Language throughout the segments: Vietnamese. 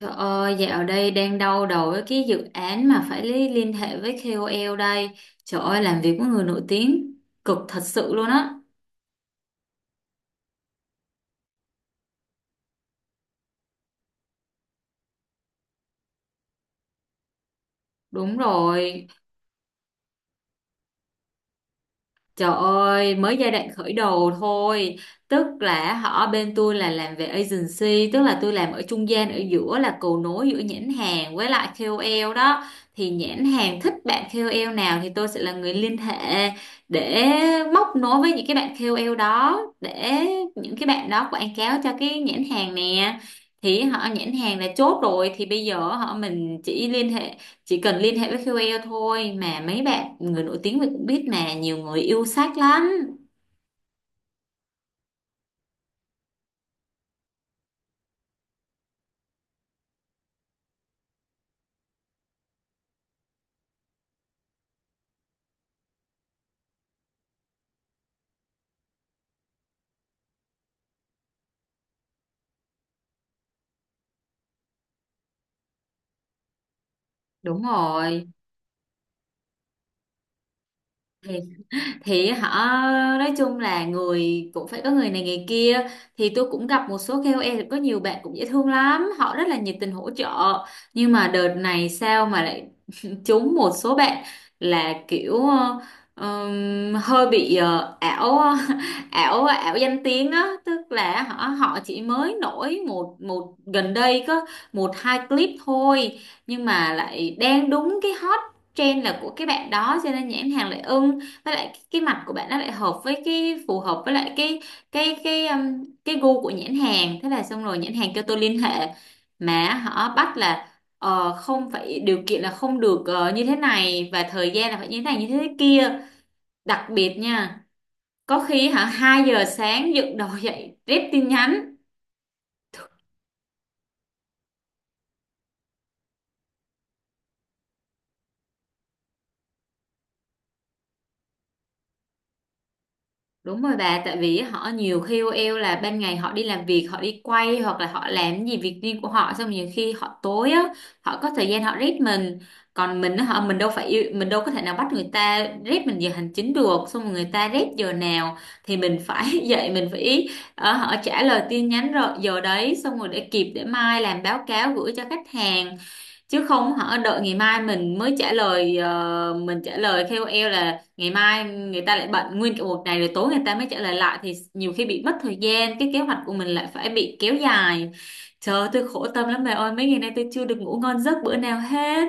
Trời ơi, dạo đây đang đau đầu với cái dự án mà phải liên hệ với KOL đây. Trời ơi, làm việc với người nổi tiếng cực thật sự luôn á. Đúng rồi. Trời ơi, mới giai đoạn khởi đầu thôi. Tức là bên tôi là làm về agency, tức là tôi làm ở trung gian ở giữa là cầu nối giữa nhãn hàng với lại KOL đó. Thì nhãn hàng thích bạn KOL nào thì tôi sẽ là người liên hệ để móc nối với những cái bạn KOL đó để những cái bạn đó quảng cáo cho cái nhãn hàng nè. Thì nhãn hàng là chốt rồi, thì bây giờ mình chỉ cần liên hệ với KOL thôi, mà mấy bạn người nổi tiếng mình cũng biết mà, nhiều người yêu sách lắm. Đúng rồi. Thì thì họ nói chung là người cũng phải có người này người kia. Thì tôi cũng gặp một số KOL, có nhiều bạn cũng dễ thương lắm, họ rất là nhiệt tình hỗ trợ. Nhưng mà đợt này sao mà lại trúng một số bạn là kiểu hơi bị ảo. ảo ảo danh tiếng á, tức là họ họ chỉ mới nổi một một gần đây có một hai clip thôi, nhưng mà lại đang đúng cái hot trend là của cái bạn đó, cho nên nhãn hàng lại ưng. Với lại cái mặt của bạn nó lại hợp với phù hợp với lại cái gu của nhãn hàng, thế là xong rồi, nhãn hàng kêu tôi liên hệ mà họ bắt là không phải, điều kiện là không được như thế này, và thời gian là phải như thế này như thế kia, đặc biệt nha. Có khi hả 2 giờ sáng dựng đầu dậy rep tin nhắn. Đúng rồi bà, tại vì nhiều KOL là ban ngày họ đi làm việc, họ đi quay hoặc là họ làm gì việc riêng của họ, xong nhiều khi họ tối á, họ có thời gian họ rep mình. Còn mình á, mình đâu phải yêu, mình đâu có thể nào bắt người ta rep mình giờ hành chính được, xong rồi người ta rep giờ nào thì mình phải dậy, mình phải ờ, họ trả lời tin nhắn rồi giờ đấy, xong rồi để kịp để mai làm báo cáo gửi cho khách hàng, chứ không hả đợi ngày mai mình mới trả lời mình trả lời KOL là ngày mai, người ta lại bận nguyên cả một ngày, rồi tối người ta mới trả lời lại, thì nhiều khi bị mất thời gian, cái kế hoạch của mình lại phải bị kéo dài. Trời ơi, tôi khổ tâm lắm bà ơi, mấy ngày nay tôi chưa được ngủ ngon giấc bữa nào hết.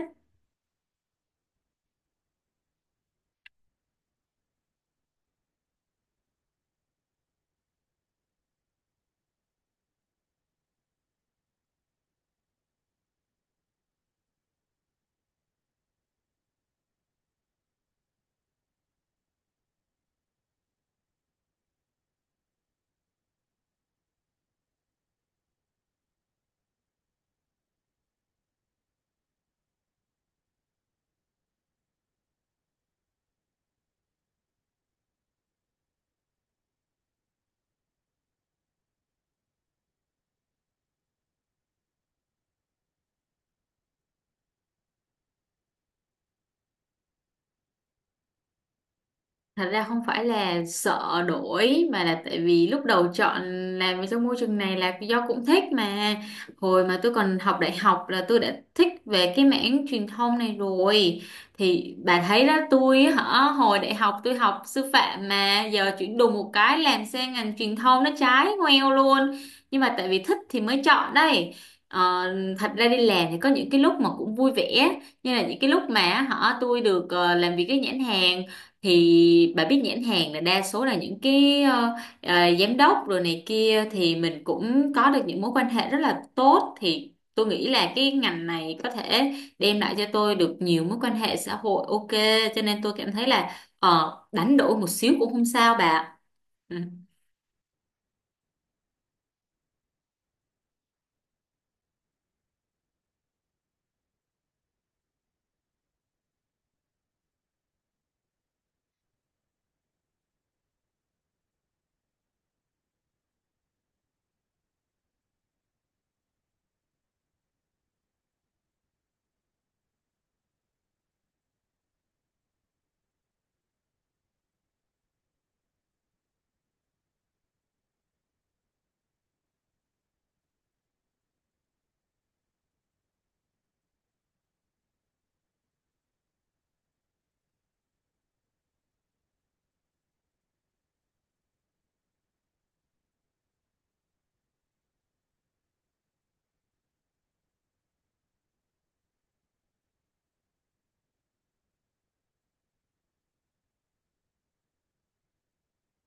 Thật ra không phải là sợ đổi, mà là tại vì lúc đầu chọn làm việc trong môi trường này là do cũng thích mà. Hồi mà tôi còn học đại học là tôi đã thích về cái mảng truyền thông này rồi. Thì bà thấy đó, tôi hả hồi đại học tôi học sư phạm mà giờ chuyển đùng một cái làm sang ngành truyền thông, nó trái ngoeo luôn. Nhưng mà tại vì thích thì mới chọn đây. Ờ, thật ra đi làm thì có những cái lúc mà cũng vui vẻ, như là những cái lúc mà tôi được làm việc với nhãn hàng. Thì bà biết nhãn hàng là đa số là những cái giám đốc rồi này kia, thì mình cũng có được những mối quan hệ rất là tốt, thì tôi nghĩ là cái ngành này có thể đem lại cho tôi được nhiều mối quan hệ xã hội, ok. Cho nên tôi cảm thấy là đánh đổi một xíu cũng không sao bà. Ừ.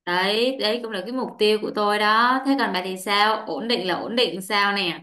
Đấy đấy cũng là cái mục tiêu của tôi đó. Thế còn bà thì sao, ổn định là ổn định sao nè?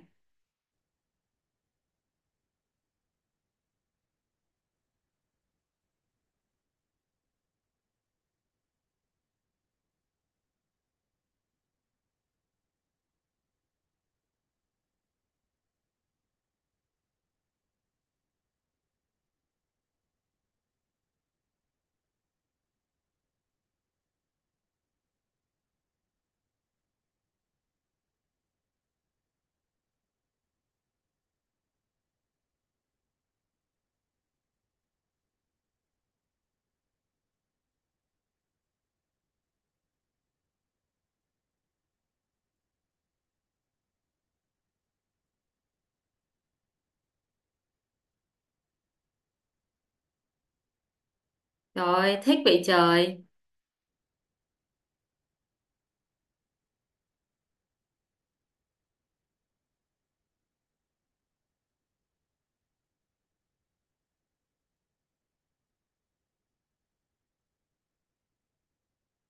Rồi thích vậy trời.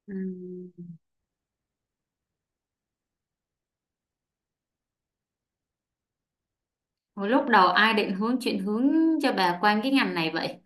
Ừ. Hồi lúc đầu ai định hướng chuyển hướng cho bà qua cái ngành này vậy?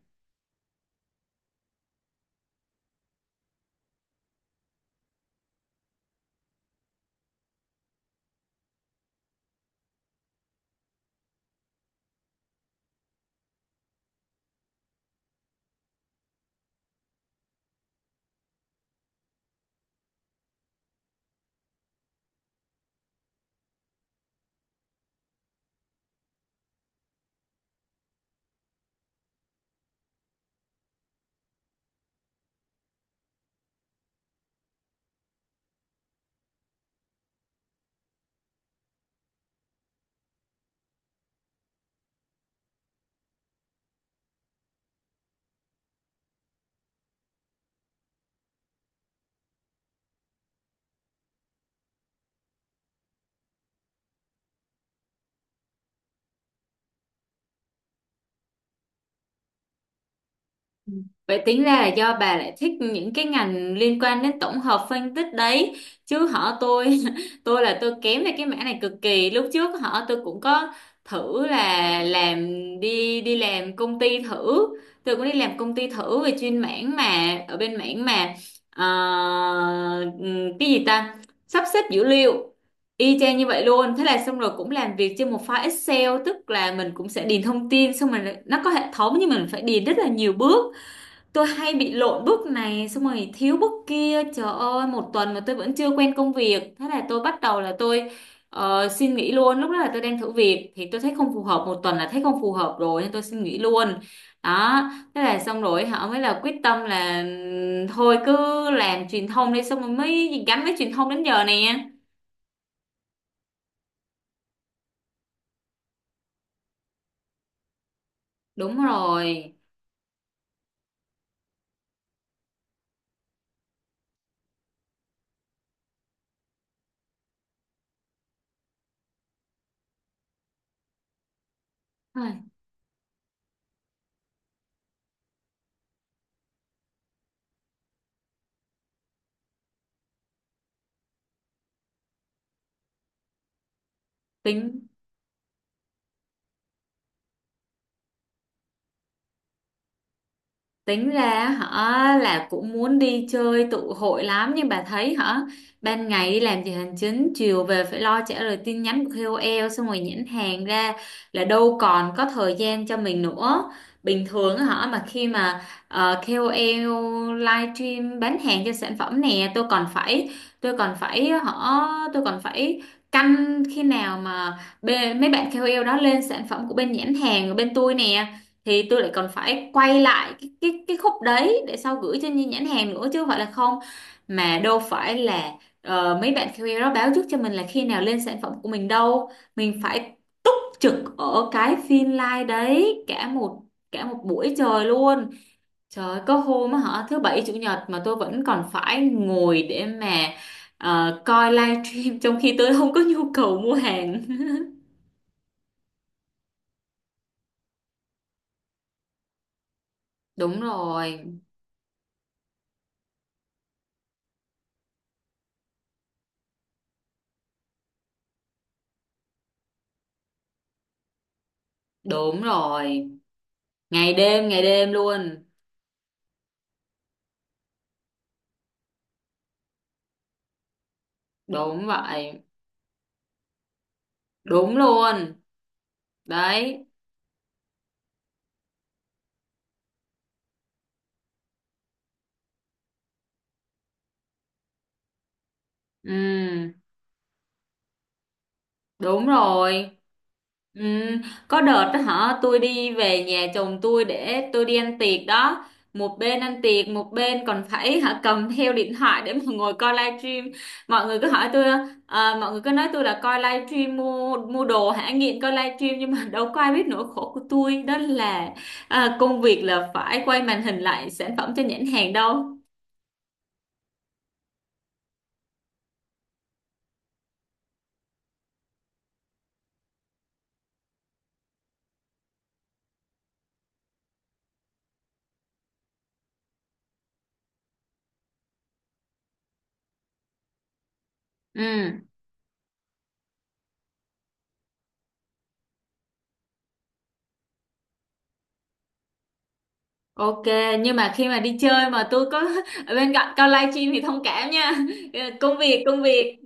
Vậy tính ra là do bà lại thích những cái ngành liên quan đến tổng hợp phân tích đấy, chứ tôi tôi kém về cái mảng này cực kỳ. Lúc trước tôi cũng có thử là làm, đi đi làm công ty thử. Tôi cũng đi làm công ty thử về chuyên mảng mà, ở bên mảng mà ờ, cái gì ta, sắp xếp dữ liệu, y chang như vậy luôn, thế là xong rồi cũng làm việc trên một file Excel, tức là mình cũng sẽ điền thông tin, xong rồi nó có hệ thống nhưng mình phải điền rất là nhiều bước. Tôi hay bị lộn bước này xong rồi thiếu bước kia, trời ơi một tuần mà tôi vẫn chưa quen công việc, thế là tôi bắt đầu là tôi xin nghỉ luôn. Lúc đó là tôi đang thử việc thì tôi thấy không phù hợp, một tuần là thấy không phù hợp rồi nên tôi xin nghỉ luôn. Đó, thế là xong rồi mới là quyết tâm là thôi cứ làm truyền thông đi, xong rồi mới gắn với truyền thông đến giờ nè. Đúng rồi. Ai, tính Tính ra là cũng muốn đi chơi tụ hội lắm, nhưng bà thấy hả, ban ngày đi làm giờ hành chính, chiều về phải lo trả lời tin nhắn của KOL, xong rồi nhãn hàng ra, là đâu còn có thời gian cho mình nữa. Bình thường á hả, mà khi mà KOL livestream bán hàng cho sản phẩm nè, tôi còn phải họ tôi còn phải canh khi nào mà mấy bạn KOL đó lên sản phẩm của bên nhãn hàng của bên tôi nè, thì tôi lại còn phải quay lại cái khúc đấy để sau gửi cho nhãn hàng nữa, chứ không phải là không. Mà đâu phải là mấy bạn QA đó báo trước cho mình là khi nào lên sản phẩm của mình đâu, mình phải túc trực ở cái phiên live đấy cả một buổi trời luôn. Trời ơi, có hôm á hả thứ bảy chủ nhật mà tôi vẫn còn phải ngồi để mà coi live stream, trong khi tôi không có nhu cầu mua hàng. Đúng rồi. Đúng rồi, ngày đêm luôn. Đúng vậy. Đúng luôn. Đấy. Ừ, đúng rồi. Ừ, có đợt đó hả tôi đi về nhà chồng tôi để tôi đi ăn tiệc đó, một bên ăn tiệc một bên còn phải hả cầm theo điện thoại để mà ngồi coi livestream. Mọi người cứ hỏi tôi, à, mọi người cứ nói tôi là coi livestream mua mua đồ, hả nghiện coi livestream, nhưng mà đâu có ai biết nỗi khổ của tôi, đó là, à, công việc là phải quay màn hình lại sản phẩm cho nhãn hàng đâu. Ừ. Ok, nhưng mà khi mà đi chơi mà tôi có ở bên cạnh coi livestream thì thông cảm nha. Công việc, công việc.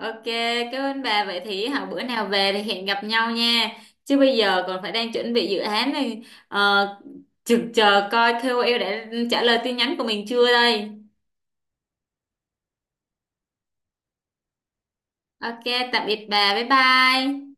Ok, cảm ơn bà. Vậy thì hả bữa nào về thì hẹn gặp nhau nha. Chứ bây giờ còn phải đang chuẩn bị dự án này. Ờ, chừng chờ coi KOL đã trả lời tin nhắn của mình chưa đây. Ok, tạm biệt bà. Bye bye.